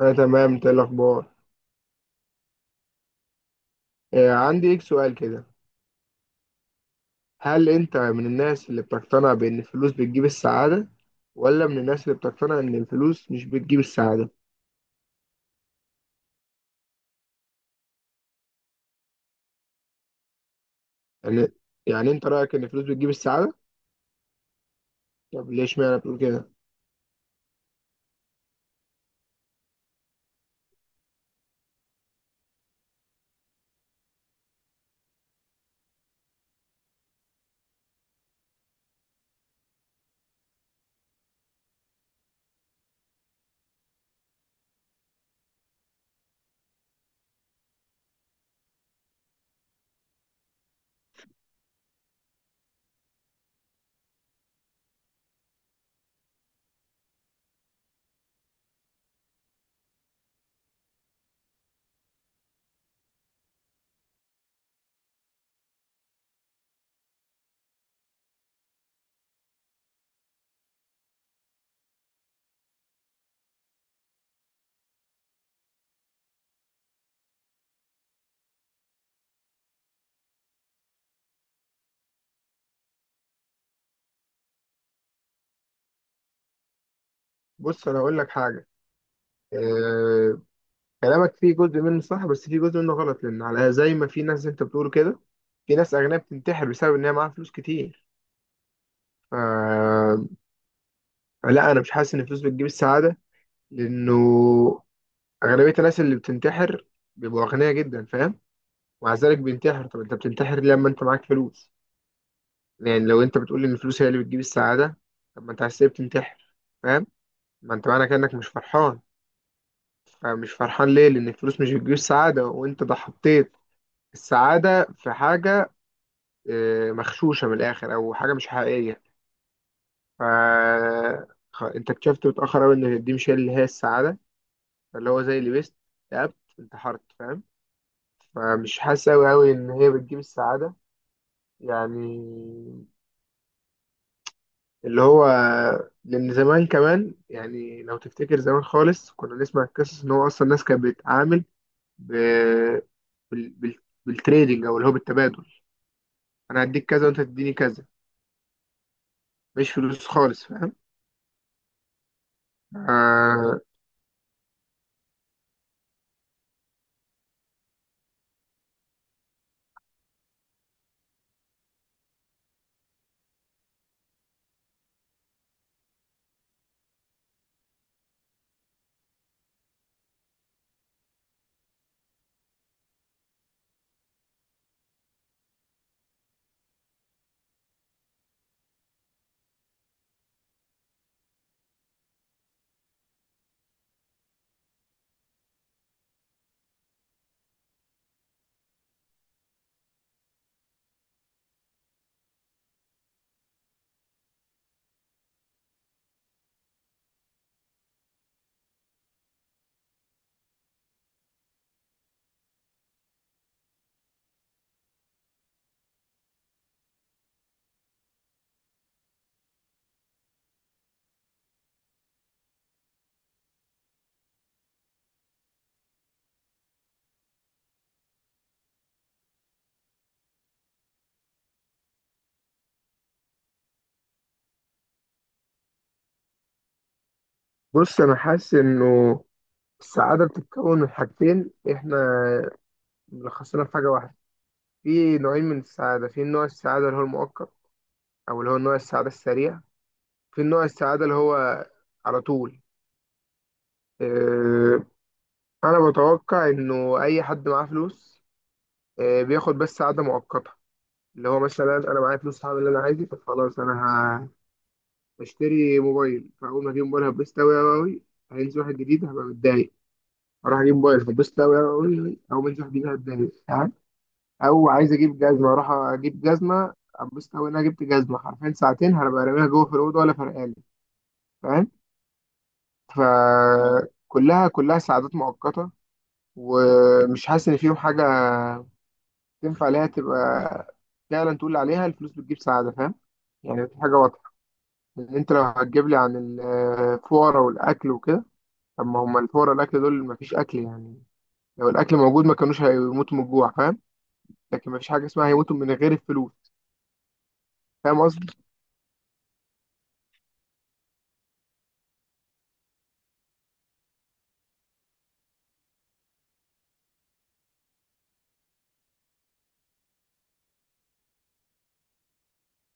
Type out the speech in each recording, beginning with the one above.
أنا تمام. أنت إيه الأخبار؟ عندي ليك سؤال كده. هل أنت من الناس اللي بتقتنع بأن الفلوس بتجيب السعادة، ولا من الناس اللي بتقتنع أن الفلوس مش بتجيب السعادة؟ يعني يعني أنت رأيك أن الفلوس بتجيب السعادة. طب ليش معنى بتقول كده؟ بص، أنا هقول لك حاجة. آه، كلامك فيه جزء منه صح بس فيه جزء منه غلط، لأن على زي ما في ناس زي أنت بتقول كده، في ناس أغنياء بتنتحر بسبب إن هي معاها فلوس كتير. آه، لا، أنا مش حاسس إن الفلوس بتجيب السعادة. لأنه اغلبيه الناس اللي بتنتحر بيبقوا اغنياء جدا، فاهم. ومع ذلك بينتحر. طب انت بتنتحر ليه لما انت معاك فلوس؟ يعني لو انت بتقول ان الفلوس هي اللي بتجيب السعاده، طب ما انت عايز ليه بتنتحر؟ فاهم. ما انت معنى كانك مش فرحان. فمش فرحان ليه؟ لان الفلوس مش بتجيب السعاده، وانت ده حطيت السعاده في حاجه مغشوشه من الاخر او حاجه مش حقيقيه. ف انت اكتشفت متاخر قوي ان دي مش هي اللي هي السعاده. فاللي هو زي اللي بيست اكتئبت انتحرت، فاهم. فمش حاسس قوي قوي ان هي بتجيب السعاده. يعني اللي هو لأن زمان كمان، يعني لو تفتكر زمان خالص، كنا نسمع القصص إن هو أصلا الناس كانت بتتعامل ب... بال... بال... بالتريدنج أو اللي هو بالتبادل. أنا هديك كذا وأنت تديني كذا، مش فلوس خالص، فاهم. آه، بص، أنا حاسس إنه السعادة بتتكون من حاجتين. إحنا ملخصينها في حاجة واحدة. في نوعين من السعادة: في نوع السعادة اللي هو المؤقت، أو اللي هو نوع السعادة السريع. في نوع السعادة اللي هو على طول. آه، انا بتوقع انه اي حد معاه فلوس بياخد بس قعده مؤقته. اللي هو مثلا انا معايا فلوس، هعمل اللي انا عايزه. طب خلاص، انا هشتري موبايل. فاول ما اجيب موبايل هتبسط قوي قوي قوي. هينزل واحد جديد هبقى متضايق. اروح اجيب موبايل هتبسط قوي قوي قوي، او منزل واحد جديد هتضايق، فاهم؟ او عايز اجيب جزمه، اروح اجيب جزمه، اتبسط قوي ان انا جبت جزمه، حرفيا ساعتين هبقى راميها جوه في الاوضه ولا فرقالي، فاهم. فكلها كلها كلها سعادات مؤقته. ومش حاسس ان فيهم حاجه تنفع ليها تبقى فعلا تقول عليها الفلوس بتجيب سعادة، فاهم. يعني في حاجة واضحة، إن أنت لو هتجيب لي عن الفقراء والأكل وكده، طب ما هم الفقراء والأكل دول مفيش أكل يعني. لو الأكل موجود ما كانوش هيموتوا من الجوع، فاهم. لكن مفيش حاجة اسمها هيموتوا من غير الفلوس. فاهم قصدي؟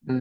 مم.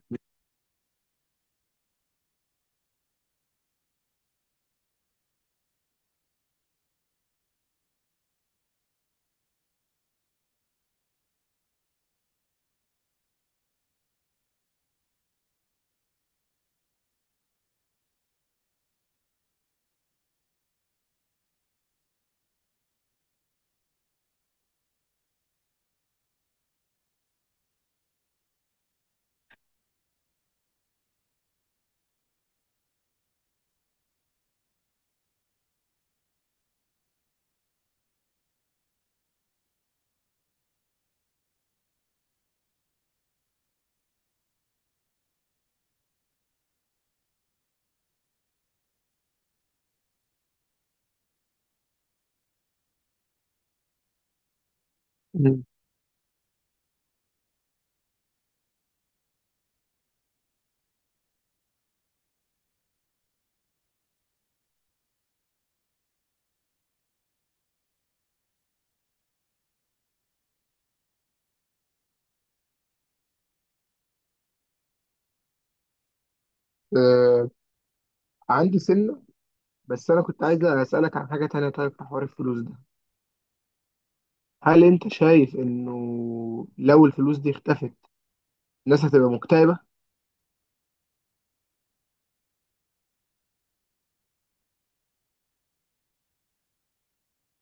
مم. آه، عندي سنة. بس أنا كنت عايز أسألك عن حاجة تانية. طيب في حوار الفلوس ده، هل أنت شايف إنه لو الفلوس دي اختفت، الناس هتبقى مكتئبة؟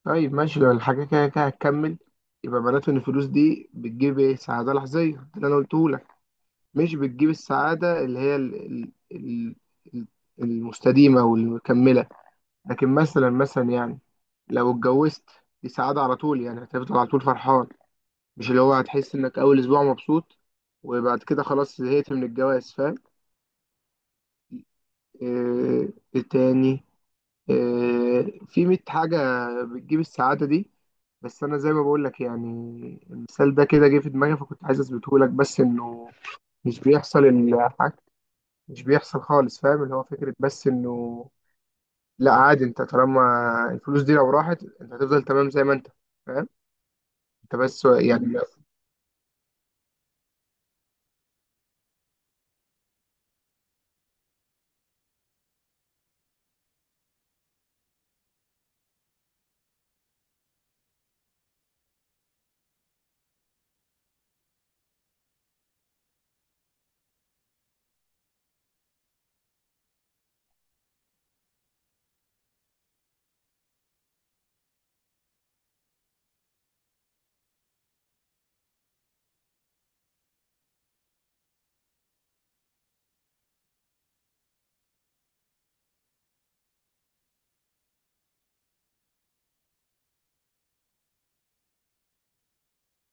طيب ماشي، لو الحاجة كده كده هتكمل، يبقى معناته إن الفلوس دي بتجيب إيه؟ سعادة لحظية، ده اللي أنا قلته لك. مش بتجيب السعادة اللي هي ال- المستديمة والمكملة. لكن مثلا، مثلا يعني لو اتجوزت، دي سعادة على طول، يعني هتفضل على طول فرحان. مش اللي هو هتحس إنك أول أسبوع مبسوط وبعد كده خلاص زهقت من الجواز، فاهم؟ إيه إيه تاني؟ في 100 حاجة بتجيب السعادة دي. بس أنا زي ما بقول لك يعني، المثال ده كده جه في دماغي، فكنت عايز أثبته لك، بس إنه مش بيحصل الحاجة، مش بيحصل خالص، فاهم. اللي هو فكرة، بس إنه لا عادي، أنت طالما الفلوس دي لو راحت أنت هتفضل تمام زي ما أنت، فاهم. أنت بس يعني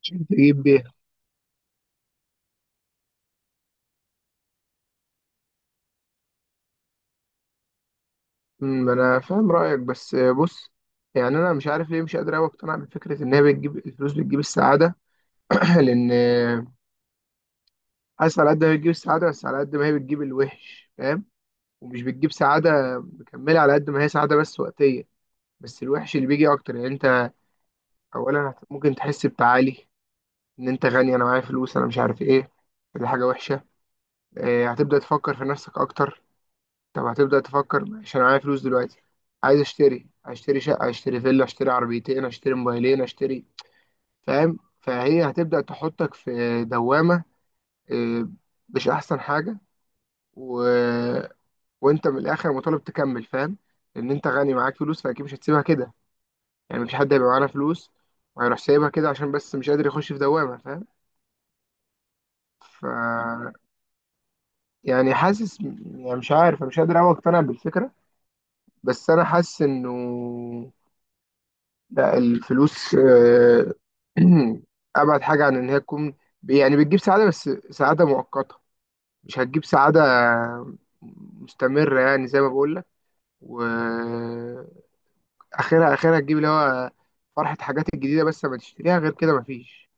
مش تجيب بيها. أمم، أنا فاهم رأيك بس، بص، يعني أنا مش عارف ليه مش قادر أوي أقتنع بفكرة إن هي بتجيب الفلوس بتجيب السعادة. لأن حاسس على قد ما بتجيب السعادة، بس على قد ما هي بتجيب الوحش، فاهم. ومش بتجيب سعادة مكملة، على قد ما هي سعادة بس وقتية. بس الوحش اللي بيجي أكتر، يعني أنت أولا ممكن تحس بتعالي، إن أنت غني، أنا معايا فلوس، أنا مش عارف إيه. دي حاجة وحشة. هتبدأ تفكر في نفسك أكتر. طب هتبدأ تفكر ماشي أنا معايا فلوس دلوقتي، عايز أشتري، هشتري شقة، هشتري فيلا، هشتري عربيتين، هشتري موبايلين، هشتري، فاهم. فهي هتبدأ تحطك في دوامة آه، مش أحسن حاجة. و وانت من الاخر مطالب تكمل، فاهم. لان انت غني معاك فلوس، فاكيد مش هتسيبها كده. يعني مفيش حد هيبقى معانا فلوس وهيروح سايبها كده عشان بس مش قادر يخش في دوامه، فاهم. ف يعني حاسس، يعني مش عارف، مش قادر اوي اقتنع بالفكره. بس انا حاسس انه لا، الفلوس ابعد حاجه عن ان هي تكون يعني بتجيب سعاده، بس سعاده مؤقته. مش هتجيب سعاده مستمره، يعني زي ما بقول لك. و اخرها تجيب اللي هو فرحة حاجات الجديدة، بس ما تشتريها غير كده مفيش.